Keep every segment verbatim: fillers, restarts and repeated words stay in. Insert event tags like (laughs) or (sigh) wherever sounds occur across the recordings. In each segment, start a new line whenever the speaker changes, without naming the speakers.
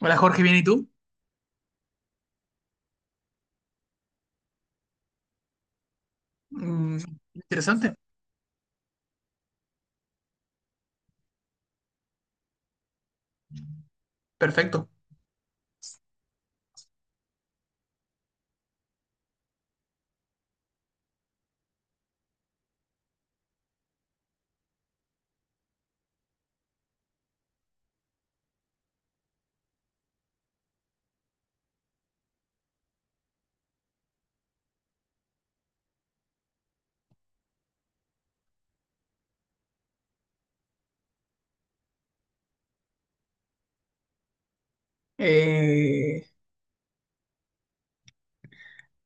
Hola Jorge, ¿bien y tú? Mm, Interesante, perfecto. Eh,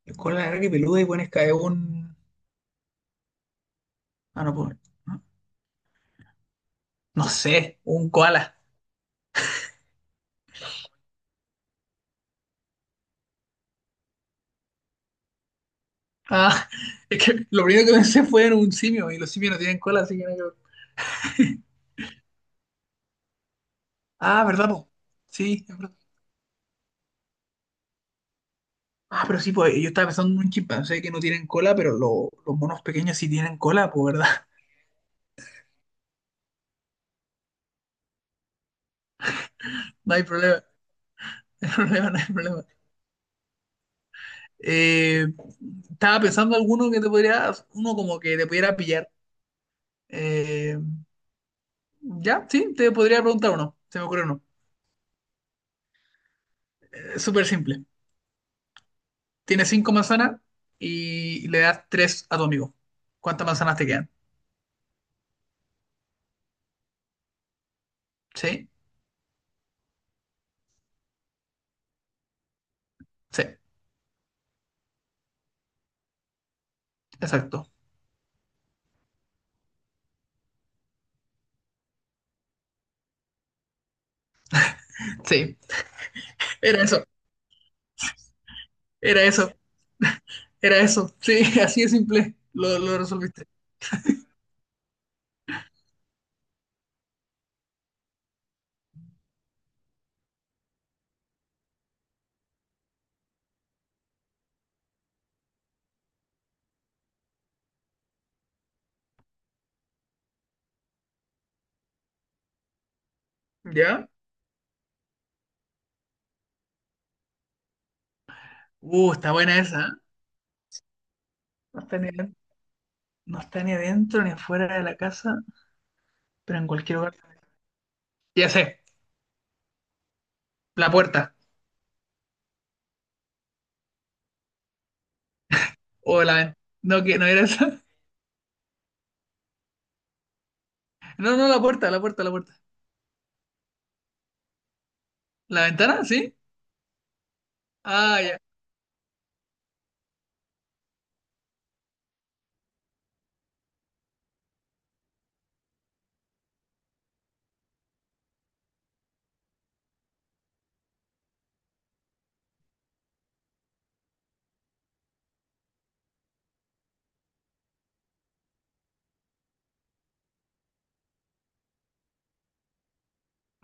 el koala larga y peluda y pones cae un. Ah, no, pues, no no sé, un koala. Ah, (laughs) es que lo primero que pensé fue en un simio y los simios no tienen cola, así que no hay que ver. Ah, ¿verdad, po? Sí, es verdad. Ah, pero sí, pues yo estaba pensando en un chimpancé que no tienen cola, pero lo- los monos pequeños sí tienen cola, pues, ¿verdad? (laughs) No hay problema, (laughs) no hay problema, no hay problema. Eh, Estaba pensando alguno que te podría, uno como que te pudiera pillar. Eh, Ya, sí, te podría preguntar uno. Se me ocurre uno. Eh, súper simple. Tienes cinco manzanas y le das tres a tu amigo. ¿Cuántas manzanas te quedan? ¿Sí? Sí, exacto. Sí, era eso, era eso, era eso. Sí, (laughs) así de simple. Lo, lo resolviste. ¿Ya? Uh, está buena esa, ¿eh? No está ni, no está ni adentro ni afuera de la casa, pero en cualquier lugar. Ya sé, la puerta. O la ventana. No, que no era esa. (laughs) No, no, la puerta, la puerta, la puerta. ¿La ventana? ¿Sí? Ah, ya.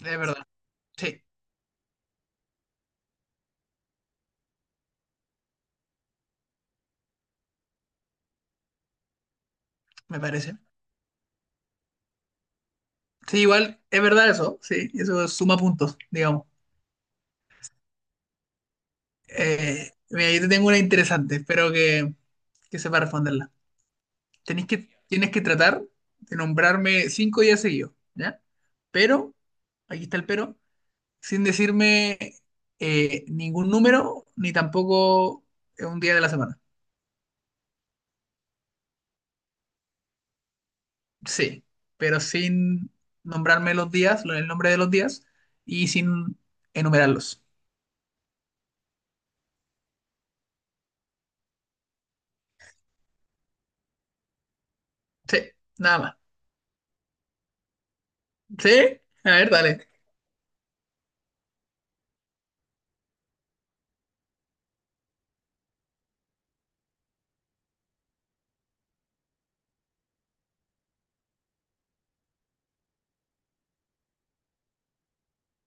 Es verdad. Sí, me parece. Sí, igual es verdad eso, sí, eso suma puntos, digamos. Eh, mira, yo te tengo una interesante, espero que, que sepa responderla. Tenés que, tienes que tratar de nombrarme cinco días seguidos, ¿ya? Pero, aquí está el pero, sin decirme eh, ningún número, ni tampoco un día de la semana. Sí, pero sin nombrarme los días, lo- el nombre de los días, y sin enumerarlos. Sí, nada más. ¿Sí? A ver, dale.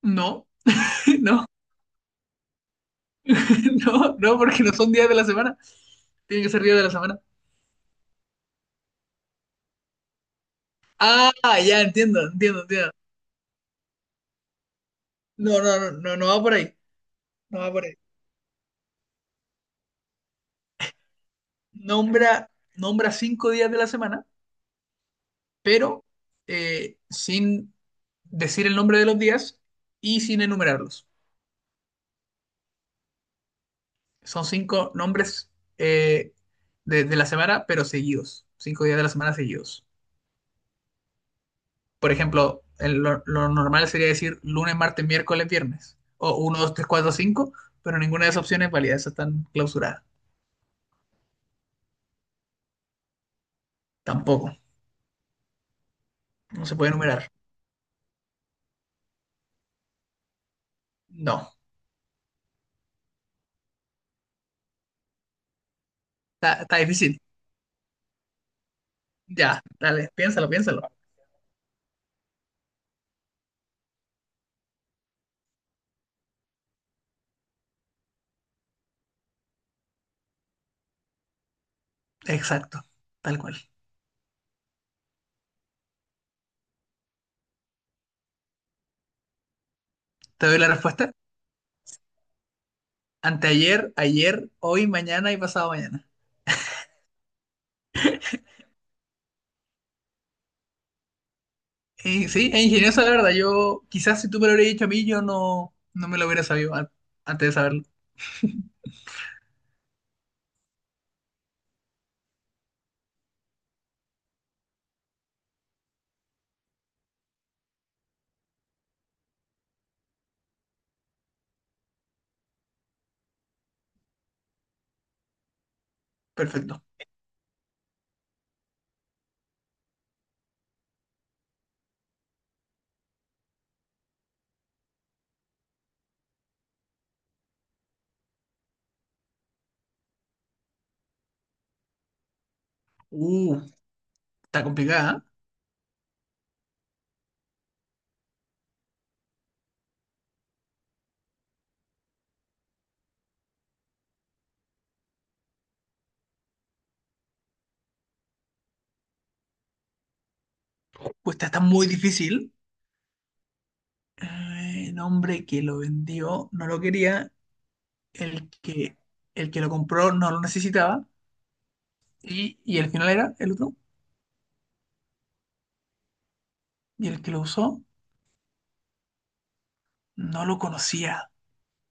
No, (laughs) no, (laughs) no, no, porque no son días de la semana. Tienen que ser días de la semana. Ah, ya entiendo, entiendo, entiendo. No, no, no, no, no va por ahí. No va por ahí. Nombra, nombra cinco días de la semana, pero eh, sin decir el nombre de los días y sin enumerarlos. Son cinco nombres eh, de, de la semana, pero seguidos. Cinco días de la semana seguidos. Por ejemplo, el- lo, lo normal sería decir lunes, martes, miércoles, viernes, o uno dos tres cuatro cinco, pero ninguna de esas opciones es válida, esas están clausuradas. Tampoco, no se puede enumerar. No, está, está difícil. Ya, dale, piénsalo, piénsalo. Exacto, tal cual. Te doy la respuesta. Anteayer, ayer, hoy, mañana y pasado mañana. Y sí, es ingenioso la verdad. Yo, quizás si tú me lo hubieras dicho a mí, yo no, no me lo hubiera sabido an- antes de saberlo. Perfecto. Uh, Está complicada. ¿Eh? Pues esta está muy difícil. Eh, el hombre que lo vendió no lo quería, el que, el que lo compró no lo necesitaba, y, y el final era el otro, y el que lo usó no lo conocía.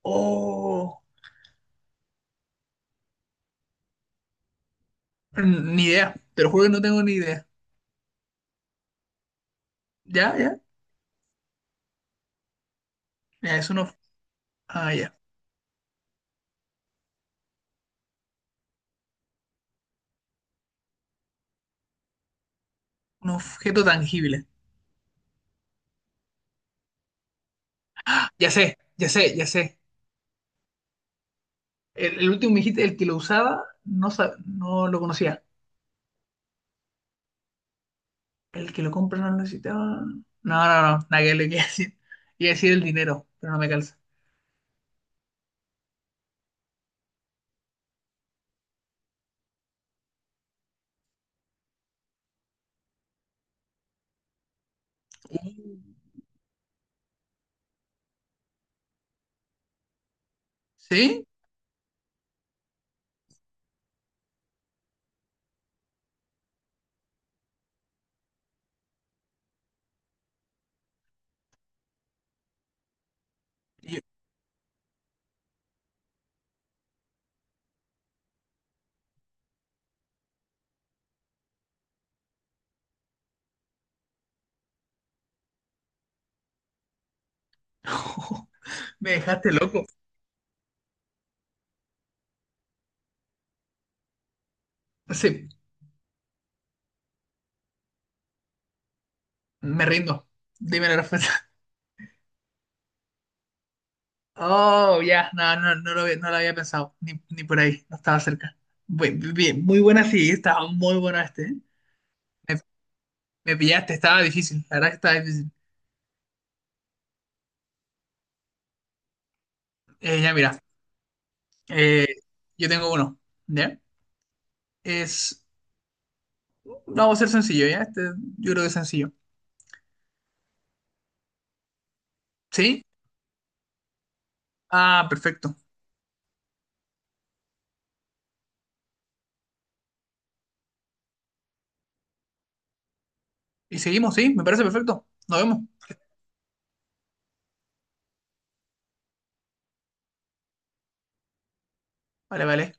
Oh, mm, ni idea, te lo juro que no tengo ni idea. Ya, ya, ya, es un, ob- ah, ya, un objeto tangible. Ya sé, ya sé, ya sé. El, el último me dijiste, el que lo usaba no, sa- no lo conocía. El que lo compra no lo necesitaba. No, no, no, nada que le quería decir. Iba a decir el dinero, pero no me calza. Mm. ¿Sí? Y- (laughs) Me dejaste loco. Sí, me rindo. Dime la respuesta. (laughs) Oh, ya, no, no, no lo, había- no lo había pensado, ni, ni por ahí, no estaba cerca. Bu- bien, muy buena, sí, estaba muy buena este, ¿eh? Me, me pillaste, estaba difícil, la verdad que estaba difícil. Eh, ya, mira, eh, yo tengo uno, ¿ya? Es, Vamos a ser sencillo, ¿ya? Este, yo creo que es sencillo. ¿Sí? Ah, perfecto. Y seguimos, ¿sí? Me parece perfecto. Nos vemos. Vale, vale.